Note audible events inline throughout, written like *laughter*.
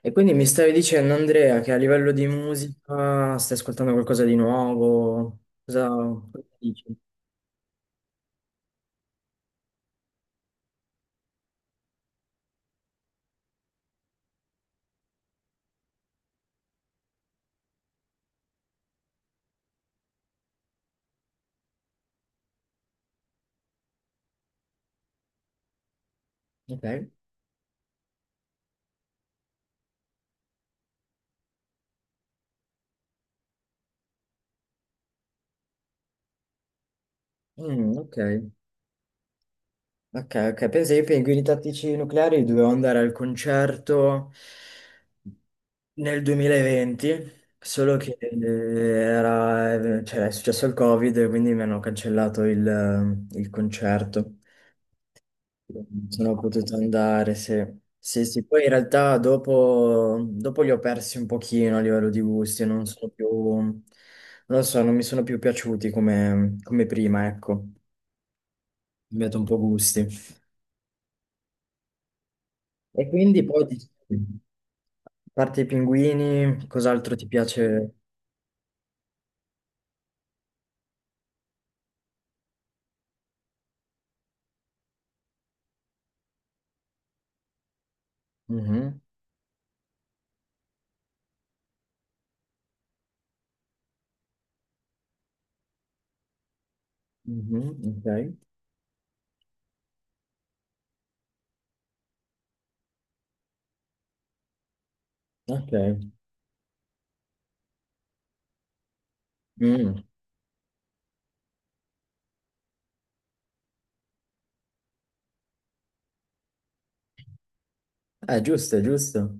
E quindi mi stavi dicendo, Andrea, che a livello di musica stai ascoltando qualcosa di nuovo? Cosa dici? Ok. Mm, ok, ok, ok. Pensa io per i Guerrieri Tattici Nucleari dovevo andare al concerto nel 2020, solo che era, cioè, è successo il Covid, quindi mi hanno cancellato il concerto. Sono potuto andare, sì. Sì, sì, poi in realtà dopo li ho persi un pochino a livello di gusti, e non sono più, non lo so, non mi sono più piaciuti come prima, ecco, ho cambiato un po' gusti. E quindi poi, a parte i pinguini, cos'altro ti piace? Mhm, mhm, ok, ok. Mm. Giusto, giusto.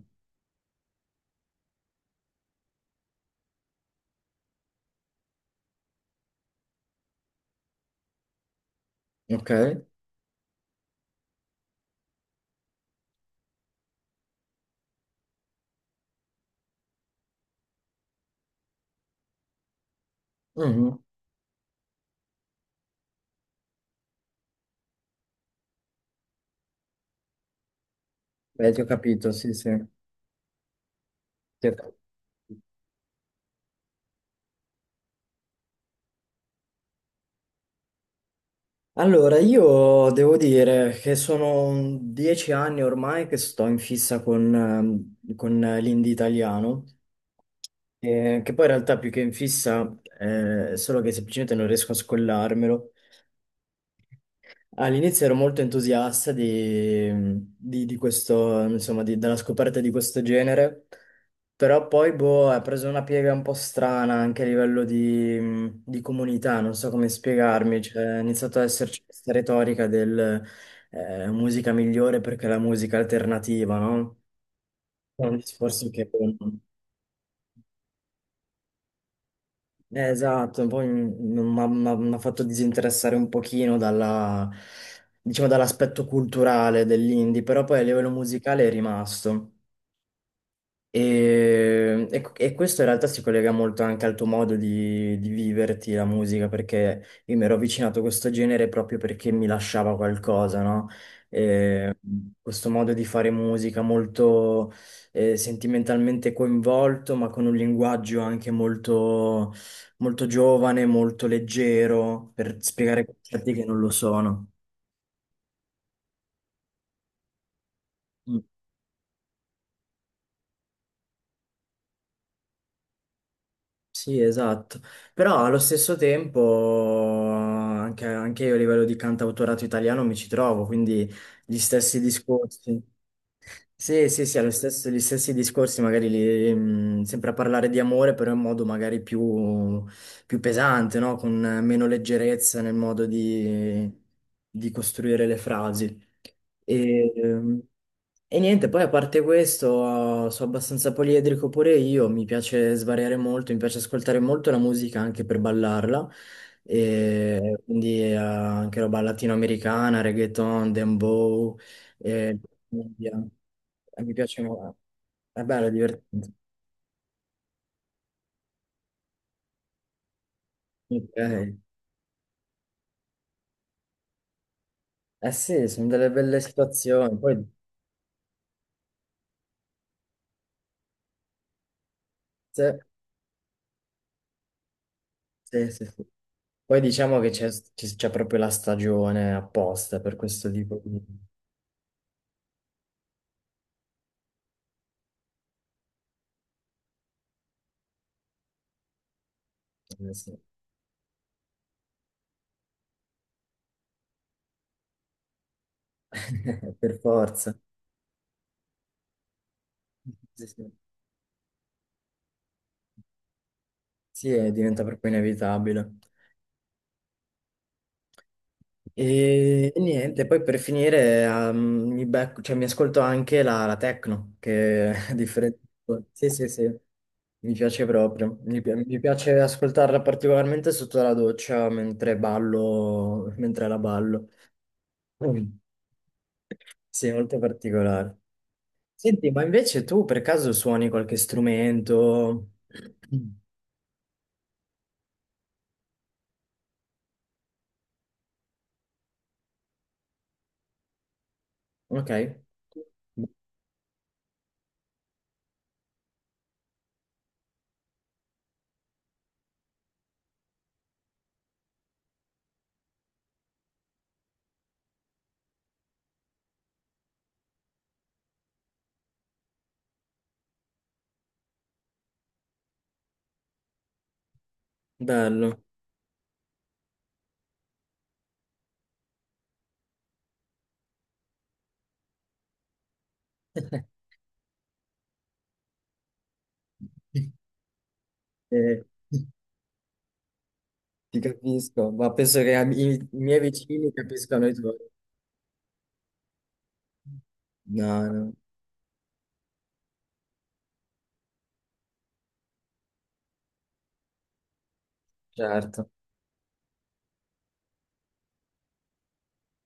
Ok. Mhm. Beh, ti ho capito, sì, sì. Ti ho capito. Allora, io devo dire che sono 10 anni ormai che sto in fissa con l'indie italiano, che poi in realtà più che in fissa, è solo che semplicemente non riesco a scollarmelo. All'inizio ero molto entusiasta di questo, insomma, della scoperta di questo genere, però poi boh, ha preso una piega un po' strana anche a livello di comunità, non so come spiegarmi, cioè, è iniziato ad esserci questa retorica del musica migliore perché è la musica alternativa, no? È un discorso che boh. Esatto, poi mi ha fatto disinteressare un pochino diciamo, dall'aspetto culturale dell'indie, però poi a livello musicale è rimasto. E questo in realtà si collega molto anche al tuo modo di viverti la musica, perché io mi ero avvicinato a questo genere proprio perché mi lasciava qualcosa, no? E questo modo di fare musica molto sentimentalmente coinvolto, ma con un linguaggio anche molto, molto giovane, molto leggero, per spiegare concetti che non lo sono. Mm. Sì, esatto, però allo stesso tempo anche, io a livello di cantautorato italiano mi ci trovo, quindi gli stessi discorsi. Sì, sì, sì, allo stesso, gli stessi discorsi, magari sempre a parlare di amore, però in modo magari più pesante, no? Con meno leggerezza nel modo di costruire le frasi. E, e niente, poi a parte questo, sono abbastanza poliedrico pure io, mi piace svariare molto, mi piace ascoltare molto la musica anche per ballarla, e quindi anche roba latinoamericana, reggaeton, dembow, e cumbia. Mi piace molto, è bello, è divertente. Ok. Eh sì, sono delle belle situazioni, poi, sì, sì, sì, sì. Poi diciamo che c'è proprio la stagione apposta per questo tipo di. Eh sì. *laughs* Per forza. Sì, sì. Sì, diventa proprio inevitabile. E niente, poi per finire cioè, mi ascolto anche la techno, che è *laughs* differente. Sì, sì, sì, mi piace proprio. Mi piace ascoltarla particolarmente sotto la doccia mentre ballo, mentre la ballo. Mm. Sì, molto particolare. Senti, ma invece tu per caso suoni qualche strumento? *clears throat* Ok. Bello, *laughs* eh, ti capisco, ma penso che i miei vicini capiscano i tuoi. No, no, certo.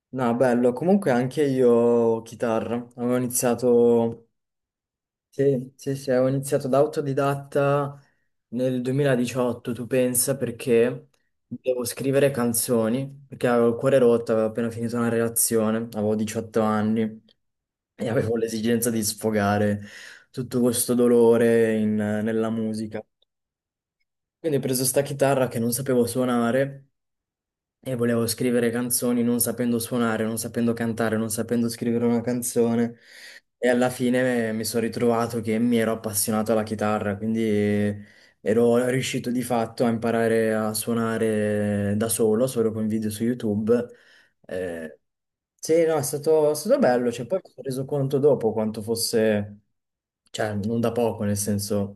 No, bello, comunque anche io chitarra, avevo iniziato. Sì, sì, sì, ho iniziato da autodidatta nel 2018, tu pensa, perché devo scrivere canzoni, perché avevo il cuore rotto, avevo appena finito una relazione, avevo 18 anni e avevo l'esigenza di sfogare tutto questo dolore nella musica. Quindi ho preso sta chitarra che non sapevo suonare e volevo scrivere canzoni non sapendo suonare, non sapendo cantare, non sapendo scrivere una canzone. E alla fine mi sono ritrovato che mi ero appassionato alla chitarra, quindi ero riuscito di fatto a imparare a suonare da solo, solo con video su YouTube. Eh, sì, no, è stato, bello. Cioè, poi mi sono reso conto dopo quanto fosse, cioè, non da poco, nel senso.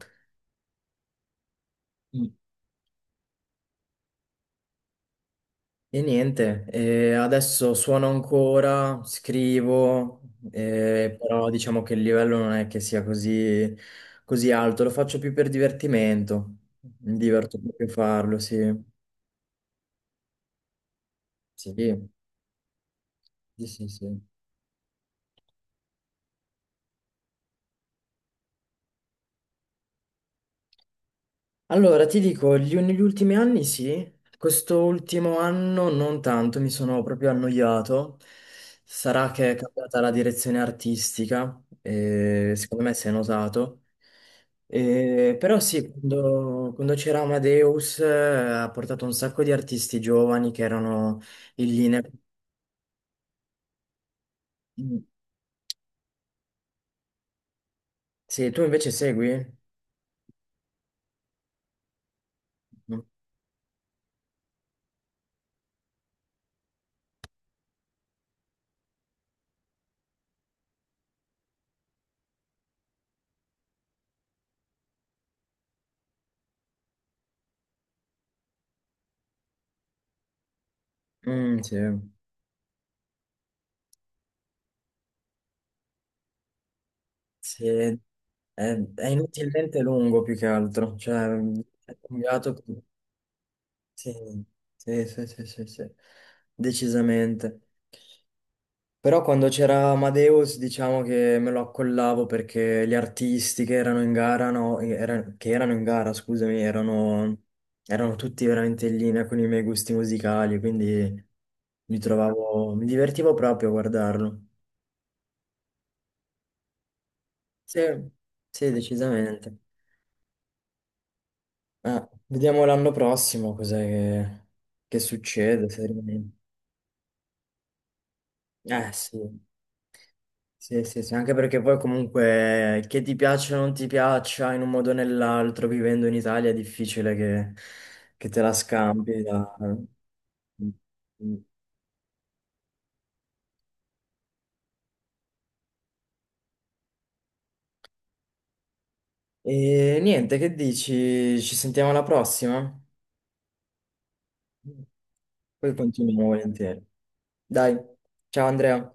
E niente, adesso suono ancora, scrivo, però diciamo che il livello non è che sia così, così alto, lo faccio più per divertimento, mi diverto proprio a farlo, sì. Sì, sì, sì, sì. Allora, ti dico, negli ultimi anni sì, quest'ultimo anno non tanto, mi sono proprio annoiato. Sarà che è cambiata la direzione artistica, e secondo me si è notato. Però sì, quando, c'era Amadeus ha portato un sacco di artisti giovani che erano in linea. Mm, sì, tu invece segui? Mm, sì. Sì, è inutilmente lungo più che altro, cioè è cambiato, sì, sì, sì, sì, sì, sì, decisamente. Però quando c'era Amadeus diciamo che me lo accollavo perché gli artisti che erano in gara, no, che erano in gara, scusami, erano, tutti veramente in linea con i miei gusti musicali, quindi mi trovavo, mi divertivo proprio a guardarlo. Sì, sì, decisamente. Vediamo l'anno prossimo cos'è che succede. Se rimane- Eh sì. Sì, sì, sì, anche perché poi comunque che ti piaccia o non ti piaccia in un modo o nell'altro, vivendo in Italia è difficile che, te la scampi. E niente, che dici? Ci sentiamo alla prossima? Poi continuiamo volentieri. Dai, ciao Andrea.